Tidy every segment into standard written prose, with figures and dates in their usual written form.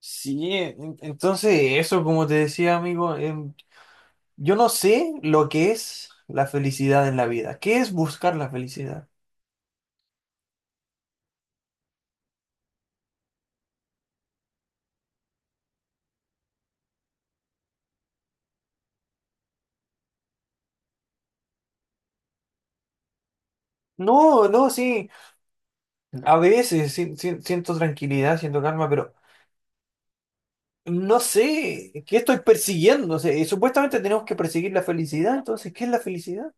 Sí, entonces eso, como te decía, amigo, yo no sé lo que es la felicidad en la vida. ¿Qué es buscar la felicidad? No, no, sí. A veces siento tranquilidad, siento calma, pero no sé qué estoy persiguiendo. O sea, y supuestamente tenemos que perseguir la felicidad, entonces, ¿qué es la felicidad?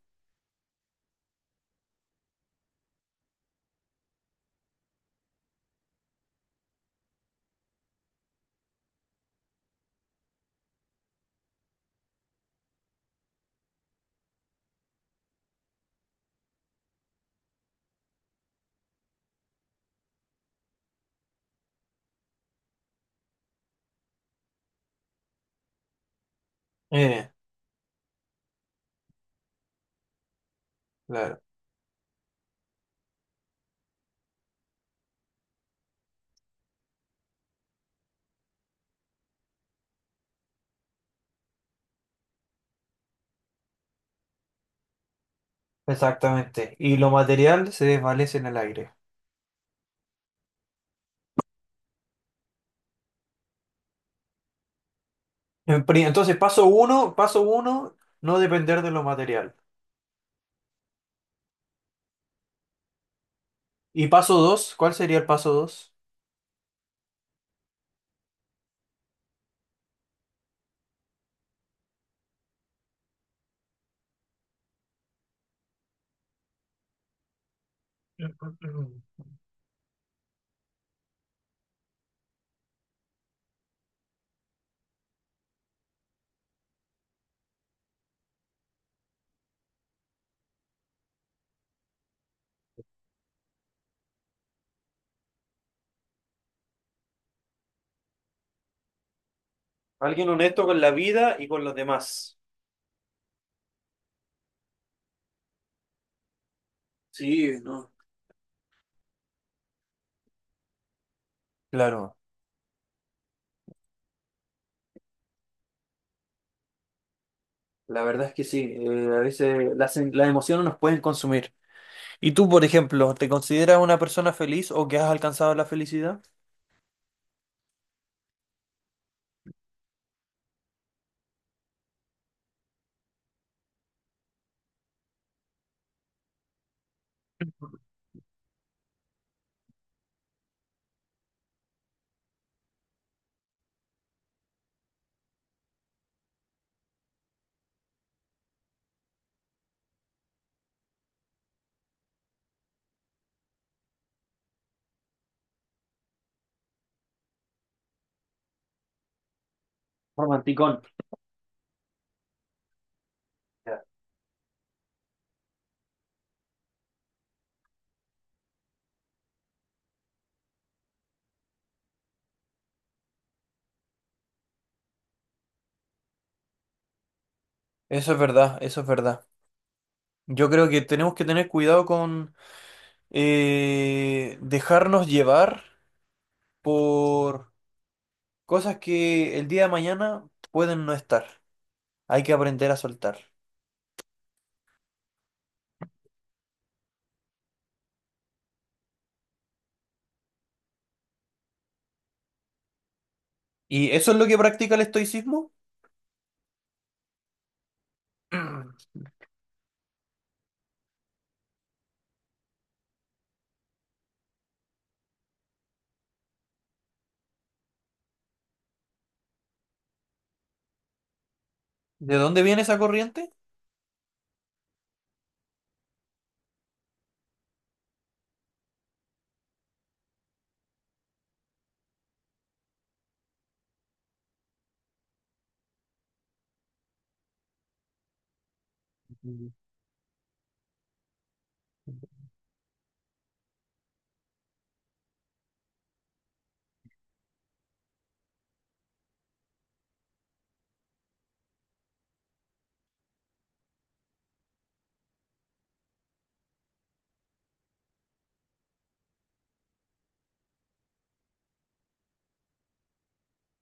Eh, claro, exactamente. Y lo material se desvanece en el aire. Entonces, paso uno, no depender de lo material. ¿Y paso dos? ¿Cuál sería el paso dos? Alguien honesto con la vida y con los demás. Sí, no. Claro. La verdad es que sí, a veces las emociones nos pueden consumir. ¿Y tú, por ejemplo, te consideras una persona feliz o que has alcanzado la felicidad? Romanticón. Ya. Eso es verdad, eso es verdad. Yo creo que tenemos que tener cuidado con dejarnos llevar por cosas que el día de mañana pueden no estar. Hay que aprender a soltar. ¿Y eso es lo que practica el estoicismo? ¿De dónde viene esa corriente? Mm,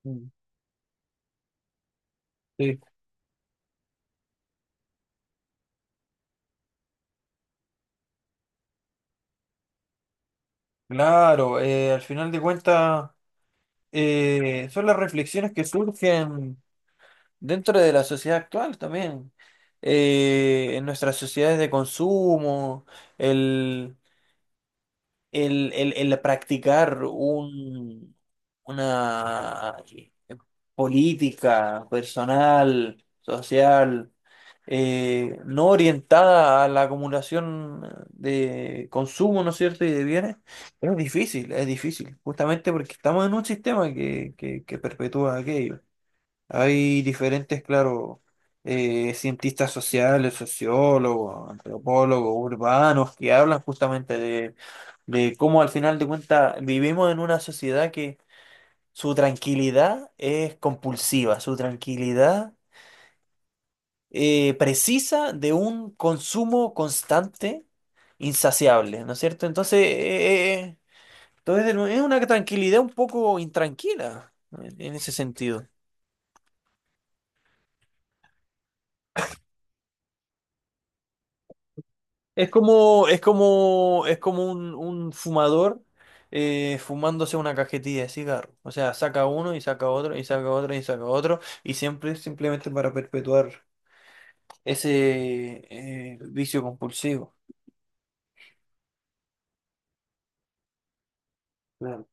mm. Sí, claro, al final de cuentas son las reflexiones que surgen dentro de la sociedad actual también. En nuestras sociedades de consumo, el practicar una política personal, social, no orientada a la acumulación de consumo, ¿no es cierto?, y de bienes, es difícil, justamente porque estamos en un sistema que perpetúa aquello. Hay diferentes, claro, cientistas sociales, sociólogos, antropólogos, urbanos, que hablan justamente de cómo al final de cuentas vivimos en una sociedad que su tranquilidad es compulsiva, su tranquilidad precisa de un consumo constante, insaciable, ¿no es cierto? Entonces, es una tranquilidad un poco intranquila en ese sentido. Es como un fumador fumándose una cajetilla de cigarro. O sea, saca uno y saca otro y saca otro y saca otro. Y siempre es simplemente para perpetuar ese vicio compulsivo. Claro.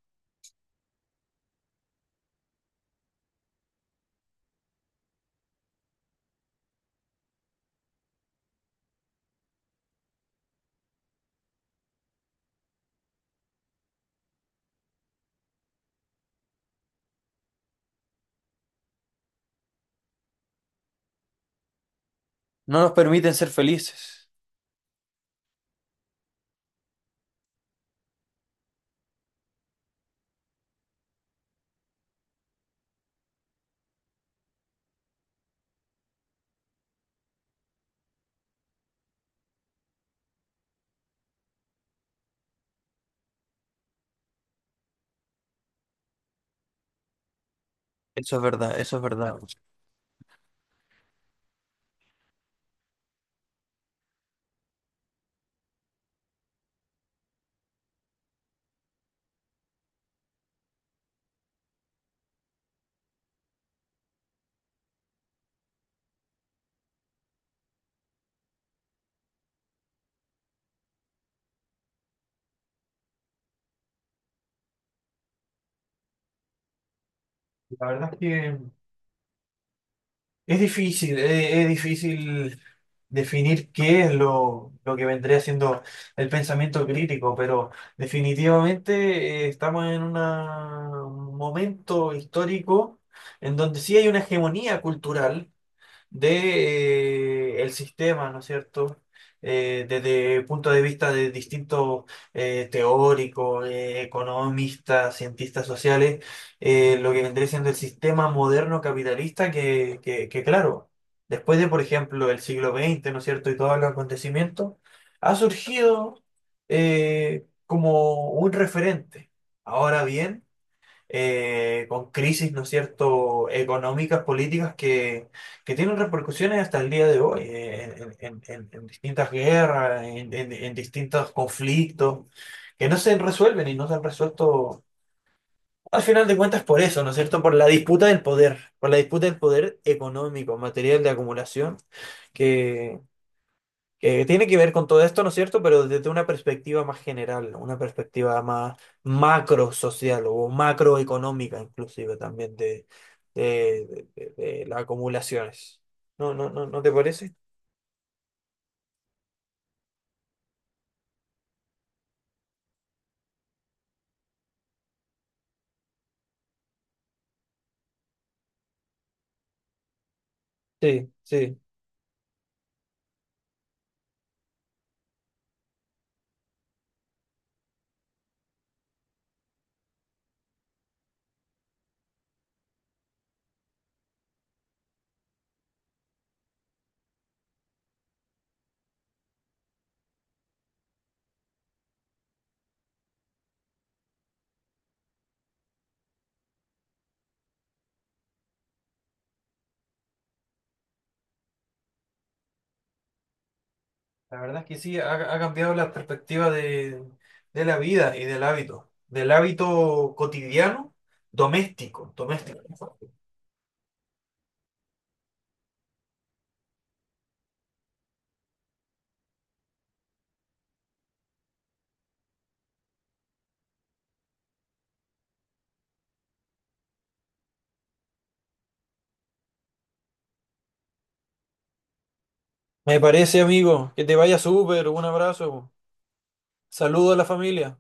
No nos permiten ser felices. Eso es verdad, eso es verdad. La verdad es que es difícil definir qué es lo que vendría siendo el pensamiento crítico, pero definitivamente estamos en un momento histórico en donde sí hay una hegemonía cultural de, el sistema, ¿no es cierto? Desde el punto de vista de distintos teóricos, economistas, cientistas sociales, lo que vendría siendo el sistema moderno capitalista que, claro, después de, por ejemplo, el siglo XX, ¿no es cierto? Y todos los acontecimientos, ha surgido como un referente. Ahora bien, con crisis, ¿no es cierto?, económicas, políticas que tienen repercusiones hasta el día de hoy, en distintas guerras, en distintos conflictos, que no se resuelven y no se han resuelto, al final de cuentas, por eso, ¿no es cierto?, por la disputa del poder, por la disputa del poder económico, material de acumulación que tiene que ver con todo esto, ¿no es cierto? Pero desde una perspectiva más general, una perspectiva más macro social o macroeconómica inclusive también de las acumulaciones. ¿No, no, no, no te parece? Sí, sí. La verdad es que sí, ha cambiado la perspectiva de la vida y del hábito cotidiano, doméstico, doméstico. Me parece, amigo, que te vaya súper, un abrazo, saludo a la familia.